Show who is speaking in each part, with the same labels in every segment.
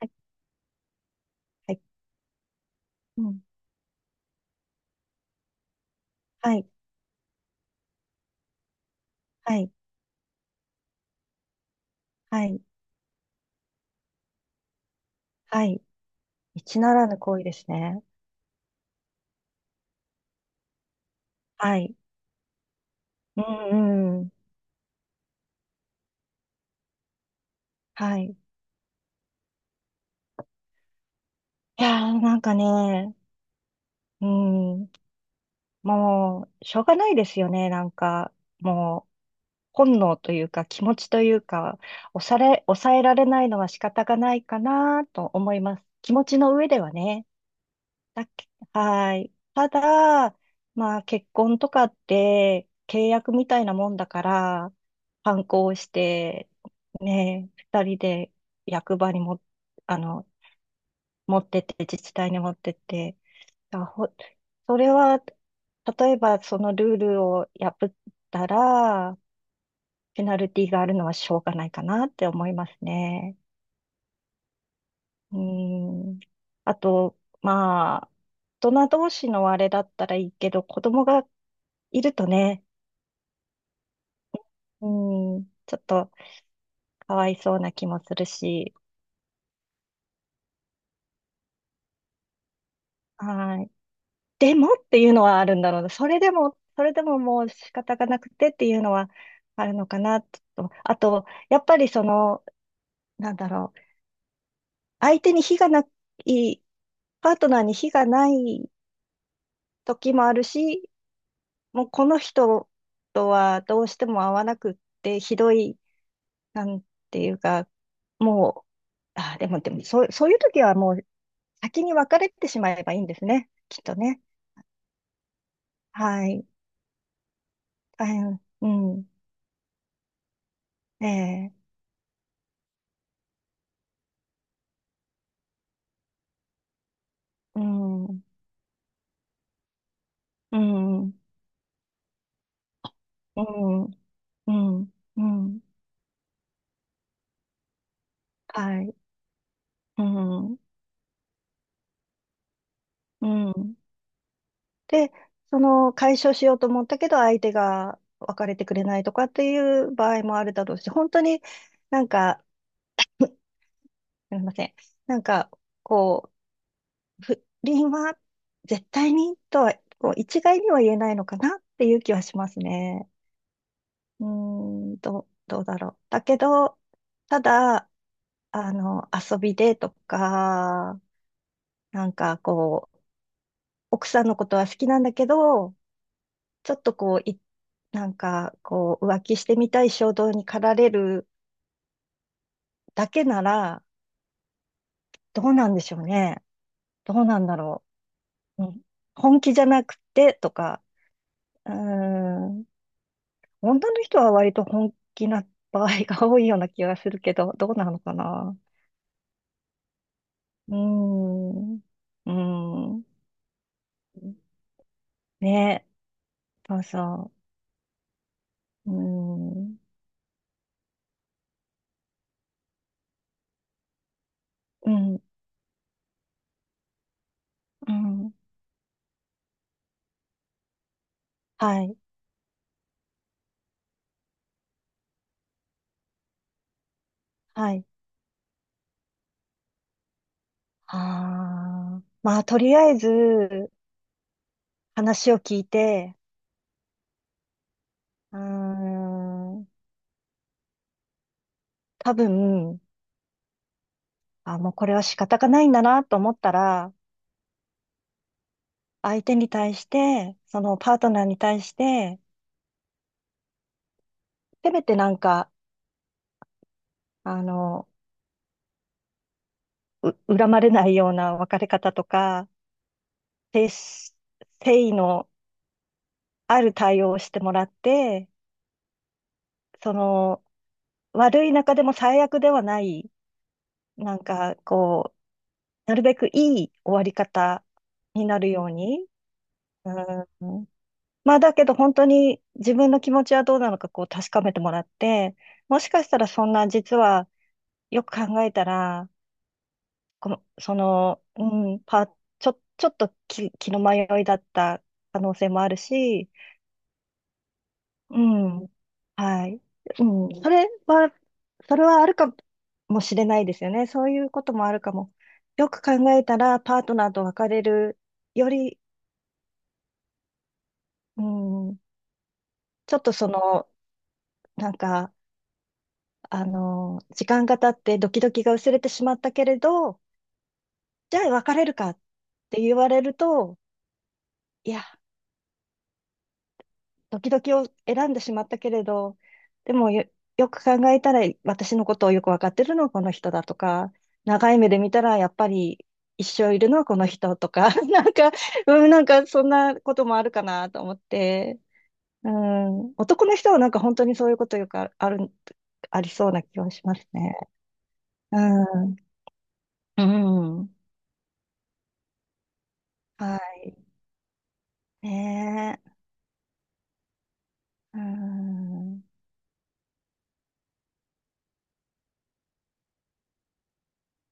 Speaker 1: はい、はい、うん、はい、はい、はい、はい。一ならぬ行為ですね。はい。うん、うん。はい。いやー、なんかね、うん、もう、しょうがないですよね。なんか、もう、本能というか、気持ちというか、抑えられないのは仕方がないかなと思います。気持ちの上ではね。だけ、はい。ただ、まあ結婚とかって契約みたいなもんだから、反抗して、ね、二人で役場にも、あの、持ってって、自治体に持ってって、だほ、それは、例えばそのルールを破ったら、ペナルティがあるのはしょうがないかなって思いますね。うん。あと、まあ、大人同士のあれだったらいいけど、子供がいるとね、うん、ちょっとかわいそうな気もするし、はい。でもっていうのはあるんだろうな。それでも、それでももう仕方がなくてっていうのはあるのかなと。あと、やっぱりその、なんだろう、相手に非がない、パートナーに非がない時もあるし、もうこの人とはどうしても合わなくって、ひどい、なんていうか、もう、あ、でも、そういう時はもう先に別れてしまえばいいんですね。きっとね。はい。あ、うん。ええ、うん。うん。うん。うん。うん。はい。うん。うん。で、その解消しようと思ったけど、相手が別れてくれないとかっていう場合もあるだろうし、本当になんか、すみません。なんか、こう、不倫は絶対にとは、こう一概には言えないのかなっていう気はしますね。うーん、どうだろう。だけど、ただ、遊びでとか、なんかこう、奥さんのことは好きなんだけど、ちょっとこう、なんかこう、浮気してみたい衝動に駆られるだけなら、どうなんでしょうね。どうなんだろう。うん、本気じゃなくてとか、うーん、女の人は割と本気な場合が多いような気がするけど、どうなのかな。うーん、うーん。ね、そうそう。うん、うん、うん。はい、はい。ああ、まあ、とりあえず、話を聞いて、うーん、多分、あ、もうこれは仕方がないんだなと思ったら、相手に対して、そのパートナーに対して、せめてなんか、あの、恨まれないような別れ方とか、誠誠意のある対応をしてもらって、その、悪い中でも最悪ではない、なんかこう、なるべくいい終わり方になるように。うん、まあだけど本当に自分の気持ちはどうなのかこう確かめてもらって、もしかしたらそんな実はよく考えたら、この、その、うん、ちょっと気の迷いだった可能性もあるし、うん。はい。うん。それはあるかもしれないですよね。そういうこともあるかも。よく考えたら、パートナーと別れるより、うん、ちょっとその、なんか、時間が経ってドキドキが薄れてしまったけれど、じゃあ別れるかって言われると、いや、時々を選んでしまったけれど、でもよ、よく考えたら私のことをよくわかってるのはこの人だとか、長い目で見たらやっぱり一生いるのはこの人とか、なんか、うん、なんかそんなこともあるかなと思って、うん、男の人はなんか本当にそういうことよくあある、ありそうな気がしますね。うん、うん、はい。ねえ、うん、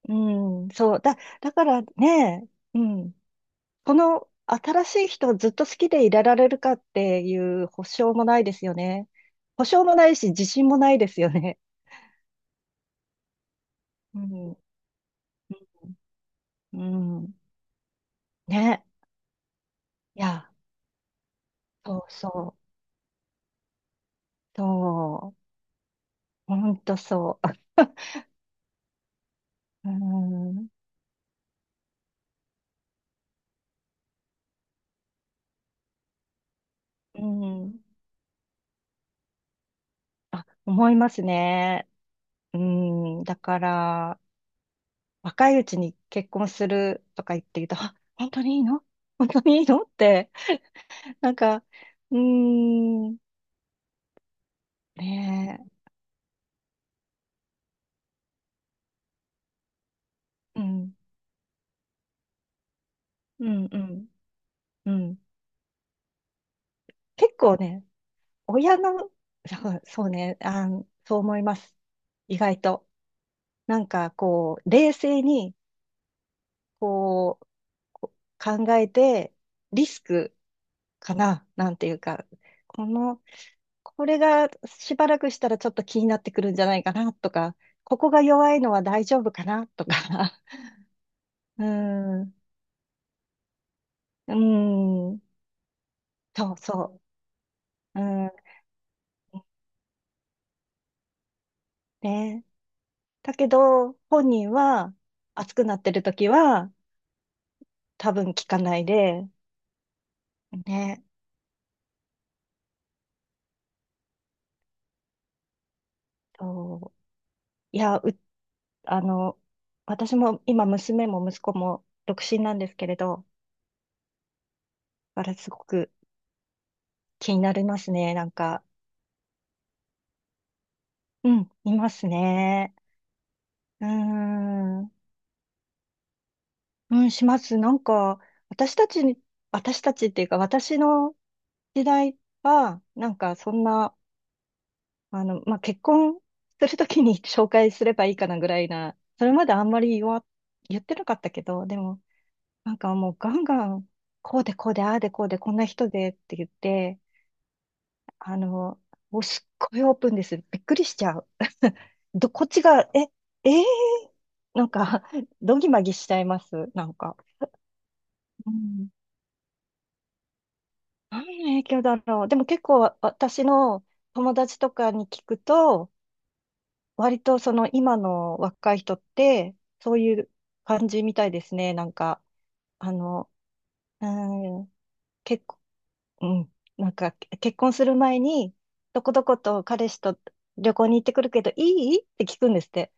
Speaker 1: うん、そう、だからね、うん。この新しい人をずっと好きでいられるかっていう保証もないですよね。保証もないし、自信もないですよね。うん。うん。うんね。いや、そうそう。そう。ほんとそう。うん。うん。あ、思いますね。うん。だから、若いうちに結婚するとか言って言うと、あ、本当にいいの本当にいいのって、なんか、うーん。ねえ。うん。うんうん。うん。結構ね、親の、そうそうね、そう思います。意外と。なんかこう、冷静に、こう、こ考えて、リスクかな、なんていうか、この、これがしばらくしたらちょっと気になってくるんじゃないかなとか、ここが弱いのは大丈夫かなとか、うーん、うーん、そうそう、うん、ね。だけど、本人は熱くなってる時は多分聞かないで、ね、そういや、あの、私も今娘も息子も独身なんですけれど、だからすごく気になりますね、なんか。うん、いますね。うーん、うん、します。なんか、私たちに、私たちっていうか私の時代は、なんかそんな、まあ、結婚するときに 紹介すればいいかなぐらいな、それまであんまり言ってなかったけど、でも、なんかもうガンガン、こうでこうで、ああでこうで、こんな人でって言って、あの、もうすっごいオープンです。びっくりしちゃう。こっちが、え、えー、なんか、どぎまぎしちゃいます。なんか。うん。何の影響だろう。でも結構、私の友達とかに聞くと、割とその今の若い人って、そういう感じみたいですね。なんか、あの、うーん、結構、うん、なんか結婚する前に、どこどこと彼氏と旅行に行ってくるけど、いいって聞くんですって。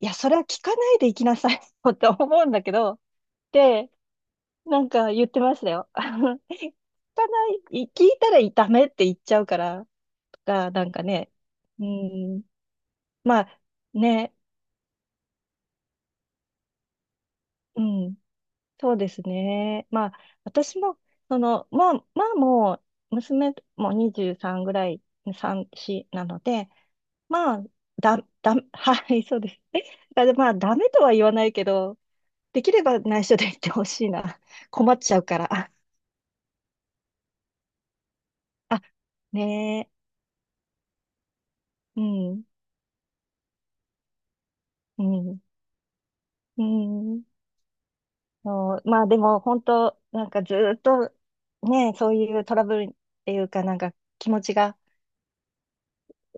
Speaker 1: いや、それは聞かないで行きなさい って思うんだけど、で、なんか言ってましたよ。聞かない、聞いたらダメって言っちゃうから、とか、なんかね、うん、まあ、ね、うん。そうですね。まあ、私も、その、まあ、もう、娘も23ぐらい、3、4なので、まあ、はい、そうです。まあ、ダメとは言わないけど、できれば内緒で言ってほしいな。困っちゃうから。あ、ねえ、うん、うん、うん。そうまあ、でも、本当なんかずっと、ね、そういうトラブルっていうか、なんか気持ちが、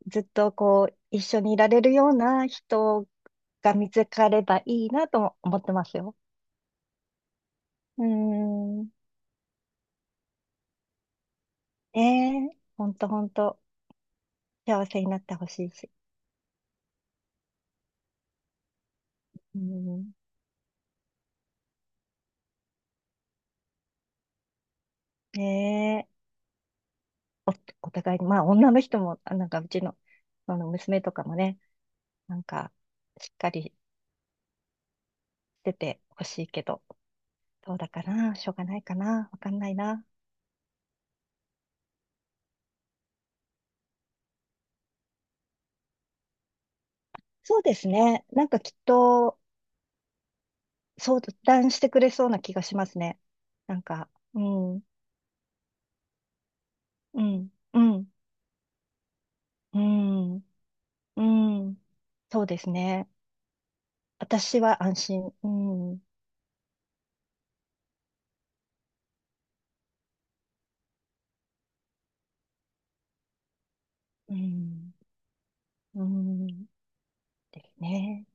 Speaker 1: ずっとこう、一緒にいられるような人が見つかればいいなとも思ってますよ。うーん。ねえ、ほんとほんと、幸せになってほしいし。うん。ねえ、お、お互いに、まあ女の人も、なんかうちの、その娘とかもね、なんか、しっかりしててほしいけど、どうだかな、しょうがないかな、わかんないな。そうですね。なんかきっと相談してくれそうな気がしますね。なんか、うん。うん、うん、うん、うん。そうですね。私は安心。うん、うん、うん。ですね。